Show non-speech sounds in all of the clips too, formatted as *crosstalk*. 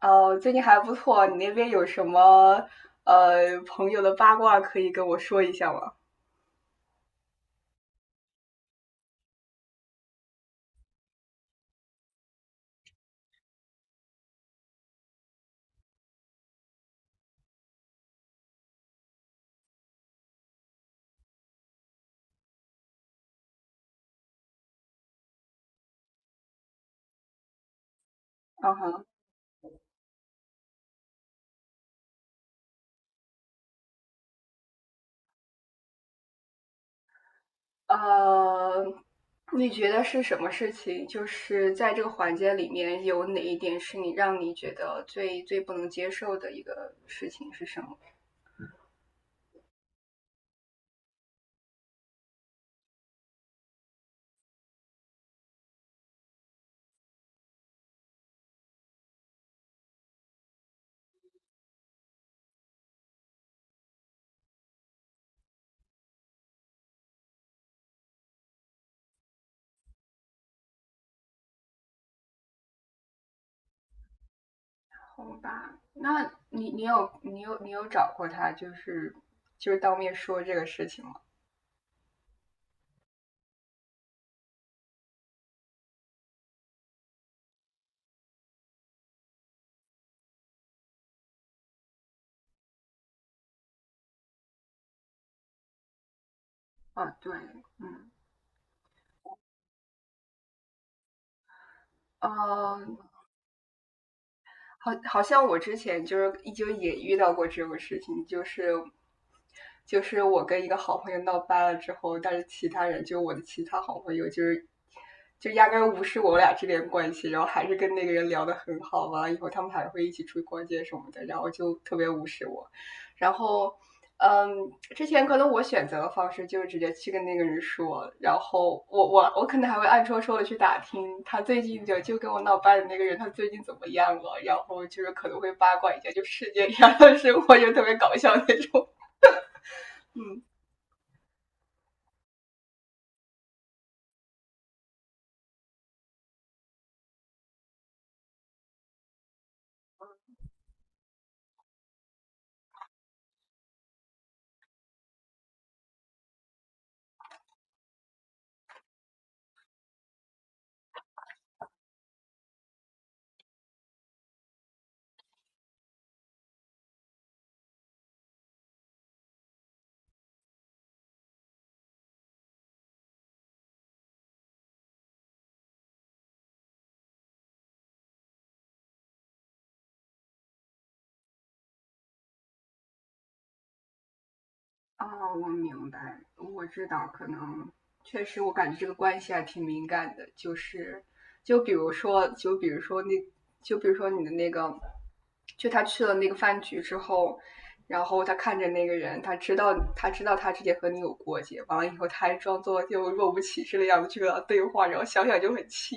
哦，最近还不错。你那边有什么朋友的八卦可以跟我说一下吗？嗯哼。呃，你觉得是什么事情？就是在这个环节里面，有哪一点是你让你觉得最最不能接受的一个事情是什么？好吧，那你有找过他，就是就是当面说这个事情吗？啊，对。嗯。呃，好，好像我之前就是就也遇到过这种事情，就是我跟一个好朋友闹掰了之后，但是其他人就我的其他好朋友就是就压根无视我俩这间关系，然后还是跟那个人聊得很好嘛，完了以后他们还会一起出去逛街什么的，然后就特别无视我。然后之前可能我选择的方式就是直接去跟那个人说，然后我可能还会暗戳戳的去打听他最近就跟我闹掰的那个人他最近怎么样了，然后就是可能会八卦一下就世界上的生活，就特别搞笑那种。哦，我明白，我知道，可能确实，我感觉这个关系还挺敏感的，就是，就比如说，就比如说那，就比如说你的那个，就他去了那个饭局之后，然后他看着那个人，他知道他之前和你有过节，完了以后他还装作就若无其事的样子去跟他对话，然后想想就很气。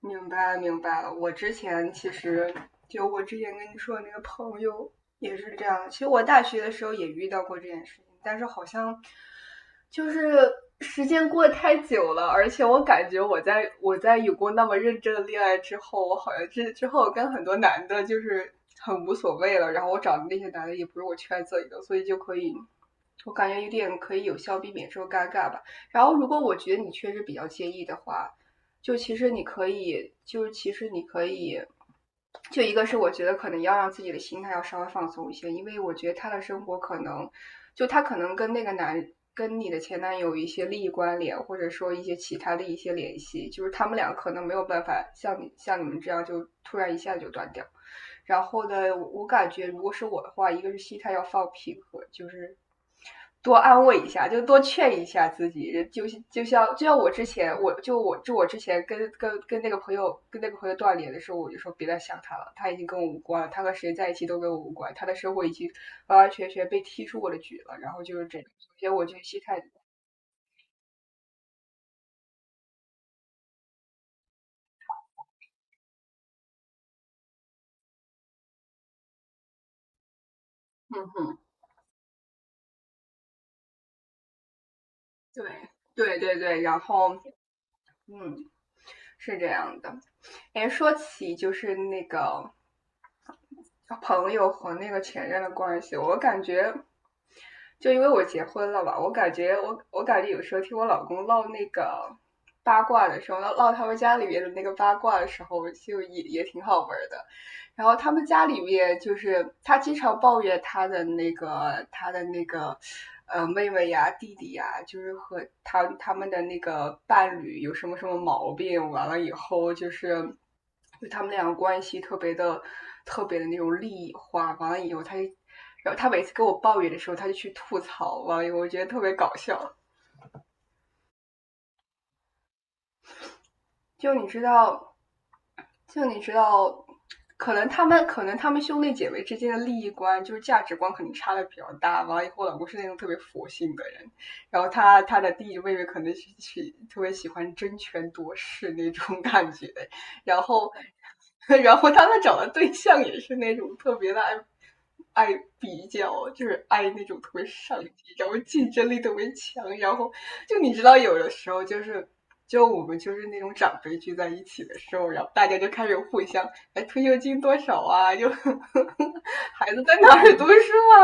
明白，明白了。我之前其实就我之前跟你说的那个朋友也是这样。其实我大学的时候也遇到过这件事情，但是好像就是时间过得太久了，而且我感觉我在有过那么认真的恋爱之后，我好像之后跟很多男的就是很无所谓了。然后我找的那些男的也不是我圈子里的，所以就可以。我感觉有点可以有效避免这种尴尬吧。然后，如果我觉得你确实比较介意的话，就其实你可以，就是其实你可以，就一个是我觉得可能要让自己的心态要稍微放松一些，因为我觉得他的生活可能，就他可能跟那个男跟你的前男友一些利益关联，或者说一些其他的一些联系，就是他们俩可能没有办法像你像你们这样就突然一下就断掉。然后呢，我感觉如果是我的话，一个是心态要放平和，就是多安慰一下，就多劝一下自己。就像我之前，我之前跟那个朋友断联的时候，我就说别再想他了，他已经跟我无关了，他和谁在一起都跟我无关，他的生活已经完完全全被踢出我的局了。然后就是这，首先我就心态，对对对对。然后嗯，是这样的。哎，说起就是那个朋友和那个前任的关系，我感觉，就因为我结婚了吧，我感觉有时候听我老公唠那个八卦的时候，唠他们家里面的那个八卦的时候，就也也挺好玩的。然后他们家里面就是他经常抱怨他的那个妹妹呀、弟弟呀，就是和他们的那个伴侣有什么什么毛病，完了以后就是就他们两个关系特别的特别的那种利益化，完了以后他就。然后他每次跟我抱怨的时候，他就去吐槽，完了以后我觉得特别搞笑。就你知道，就你知道，可能他们兄弟姐妹之间的利益观就是价值观可能差的比较大。完了以后，老公是那种特别佛性的人，然后他的弟弟妹妹可能是特别喜欢争权夺势那种感觉，然后，*laughs* 然后他们找的对象也是那种特别的爱比较，就是爱那种特别上进，然后竞争力特别强，然后就你知道，有的时候就是就我们就是那种长辈聚在一起的时候，然后大家就开始互相哎退休金多少啊，就呵呵 *laughs* 孩子在哪儿读书啊，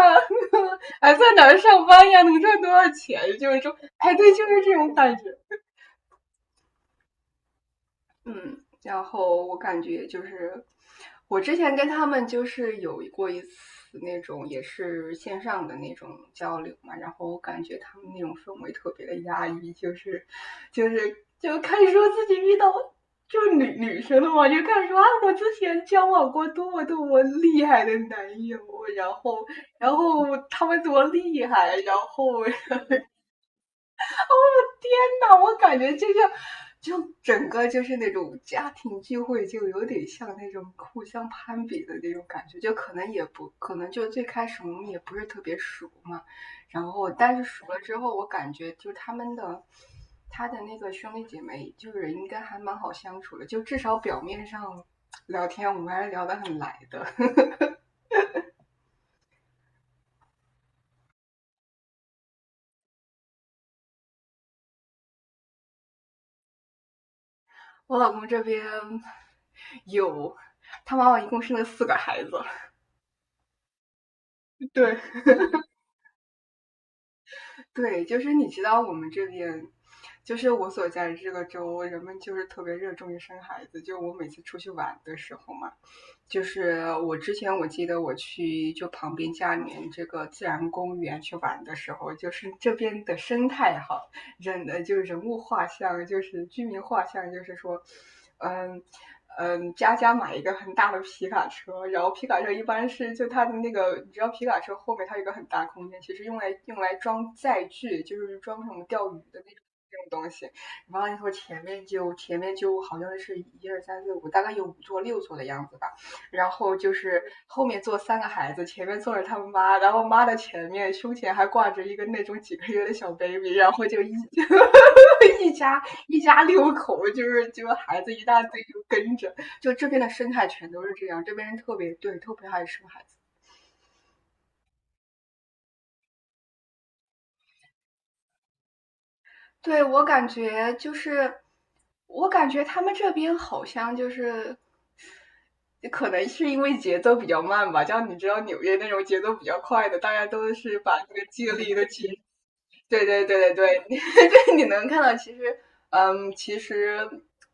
*laughs* 还在哪儿上班呀，能赚多少钱，就是说哎对，就是这种感觉。嗯，然后我感觉就是我之前跟他们就是有过一次那种也是线上的那种交流嘛，然后我感觉他们那种氛围特别的压抑，就是就是就开始说自己遇到。就是女生了嘛，就开始说啊，我之前交往过多么多么厉害的男友，然后，然后他们多厉害，然后 *laughs*，天呐，我感觉就像，就整个就是那种家庭聚会，就有点像那种互相攀比的那种感觉。就可能也不可能，就最开始我们也不是特别熟嘛，然后但是熟了之后，我感觉就他的那个兄弟姐妹，就是应该还蛮好相处的，就至少表面上聊天我们还是聊得很来的。*laughs* 我老公这边有。他妈妈一共生了四个孩子，对，对，就是你知道我们这边，就是我所在的这个州，人们就是特别热衷于生孩子。就我每次出去玩的时候嘛，就是我之前我记得我去就旁边家里面这个自然公园去玩的时候，就是这边的生态好，人就是人物画像，就是居民画像，就是说，嗯。嗯，佳佳买一个很大的皮卡车，然后皮卡车一般是就它的那个，你知道皮卡车后面它有一个很大空间，其实用来装载具，就是装什么钓鱼的那种那种东西。完了以后前面就好像是一二三四五，大概有五座六座的样子吧。然后就是后面坐三个孩子，前面坐着他们妈，然后妈的前面胸前还挂着一个那种几个月的小 baby，然后就一 *laughs* 一家一家六口，就是就孩子一大堆就跟着，就这边的生态全都是这样，这边人特别对，特别爱生孩子。对，我感觉他们这边好像可能是因为节奏比较慢吧。像你知道纽约那种节奏比较快的，大家都是把那个精力都对对对对对，*laughs* 对，你能看到，其实，嗯，其实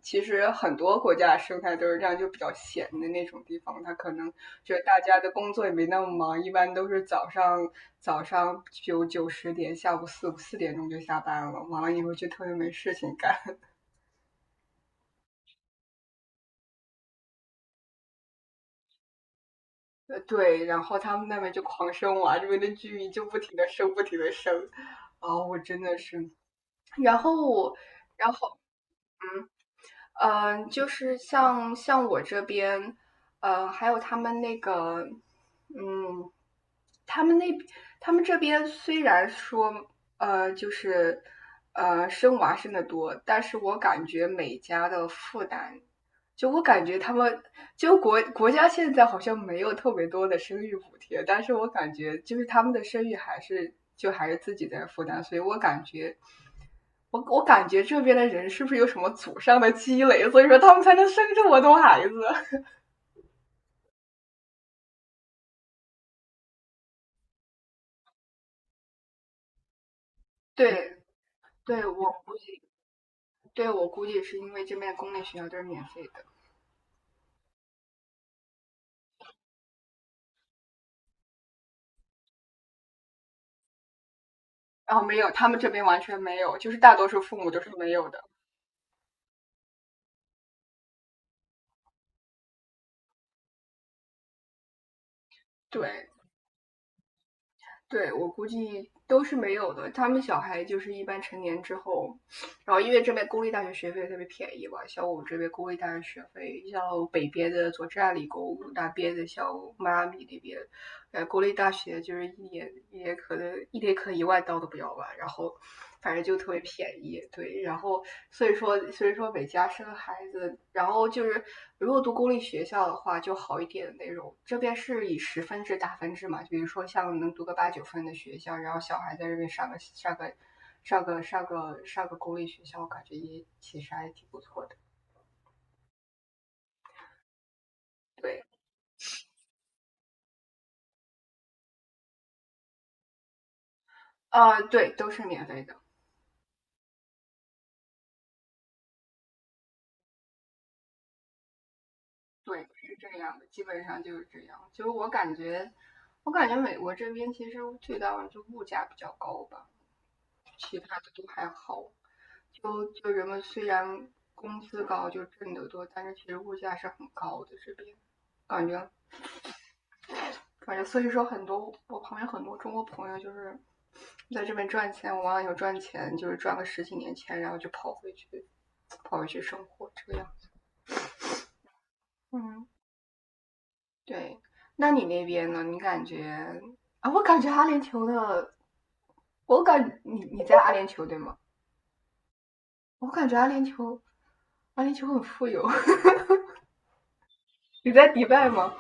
其实很多国家生态都是这样，就比较闲的那种地方，它可能就是大家的工作也没那么忙，一般都是早上九十点，下午四点钟就下班了，完了以后就特别没事情干。*laughs* 对，然后他们那边就狂生娃，这边的居民就不停的生，不停的生。啊、我真的是，然后然后就是像我这边，还有他们那个，嗯，他们那他们这边虽然说，就是生娃生的多，但是我感觉每家的负担，我感觉他们国家现在好像没有特别多的生育补贴，但是我感觉就是他们的生育还是自己在负担，所以我感觉这边的人是不是有什么祖上的积累，所以说他们才能生这么多孩子？*laughs* 对。对，我估计是因为这边公立学校都是免费的，然后没有，他们这边完全没有，就是大多数父母都是没有的。对，对，我估计都是没有的。他们小孩就是一般成年之后，然后因为这边公立大学学费特别便宜嘛，像我们这边公立大学学费，像北边的佐治亚理工，南边的像迈阿密那边，公立大学就是一年可能1万刀都不要吧，然后反正就特别便宜。对，然后所以说每家生孩子，然后就是如果读公立学校的话就好一点的那种。这边是以10分制打分制嘛，比如说像能读个八九分的学校，然后小孩在这边上个公立学校，感觉也其实还挺不错的。对，对，都是免费的。对，是这样的，基本上就是这样。我感觉美国这边其实最大的就物价比较高吧，其他的都还好。人们虽然工资高，就挣得多，但是其实物价是很高的。这边感觉反正所以说我旁边很多中国朋友就是在这边赚钱，我往往有赚钱，就是赚个十几年钱，然后就跑回去，跑回去生活这个样。嗯，对。那你那边呢？你感觉啊？我感觉阿联酋的，我感你你在阿联酋对吗？我感觉阿联酋，阿联酋很富有。*laughs* 你在迪拜吗？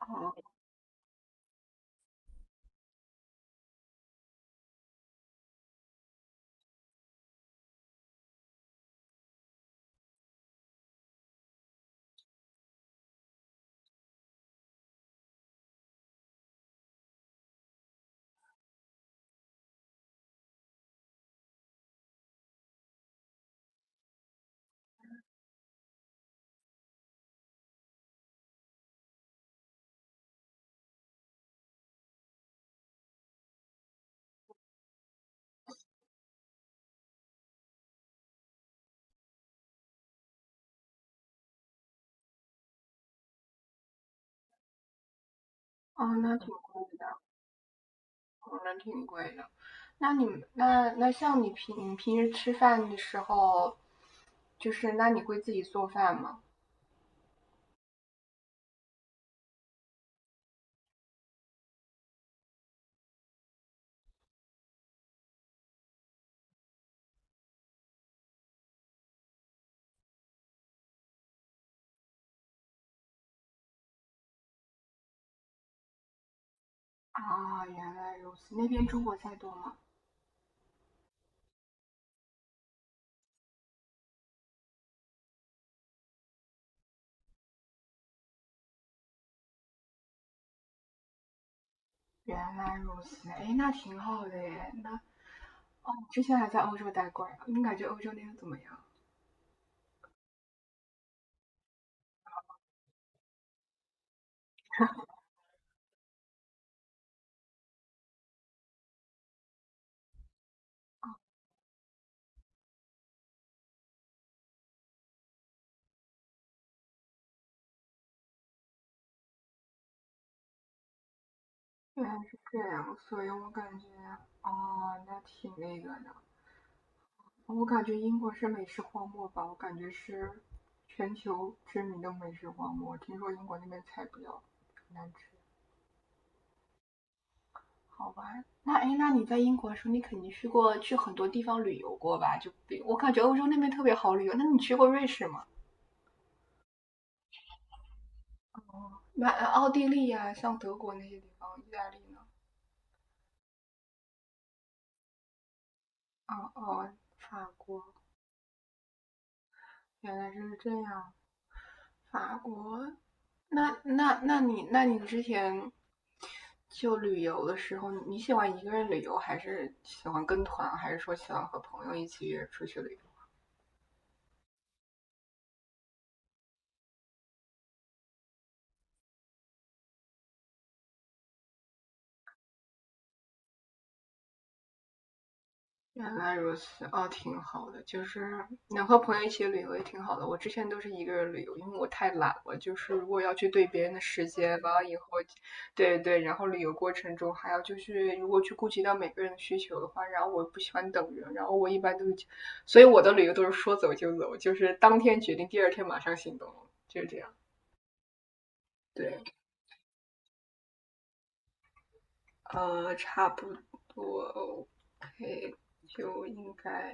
哦，哦，那挺贵的。那你们像你平时吃饭的时候，就是那你会自己做饭吗？啊，原来如此。那边中国菜多吗？原来如此，哎，那挺好的耶。那哦，你之前还在欧洲待过呀？你感觉欧洲那边怎么样？原来是这样，所以我感觉哦，那挺那个的。我感觉英国是美食荒漠吧，我感觉是全球知名的美食荒漠。听说英国那边菜比较难吃。好玩。那哎，那你在英国的时候，你肯定去过去很多地方旅游过吧？就比我感觉欧洲那边特别好旅游。那你去过瑞士吗？那奥地利呀、像德国那些地方，意大利呢？哦哦，法国原来是这样。法国。那你之前就旅游的时候，你喜欢一个人旅游，还是喜欢跟团，还是说喜欢和朋友一起约出去旅游？原来如此，哦，挺好的，就是能和朋友一起旅游也挺好的。我之前都是一个人旅游，因为我太懒了，就是如果要去对别人的时间，完了以后，对对，然后旅游过程中还要就是如果去顾及到每个人的需求的话，然后我不喜欢等人，然后我一般都是，所以我的旅游都是说走就走，就是当天决定，第二天马上行动，就是这样。对，差不多，OK,就应该。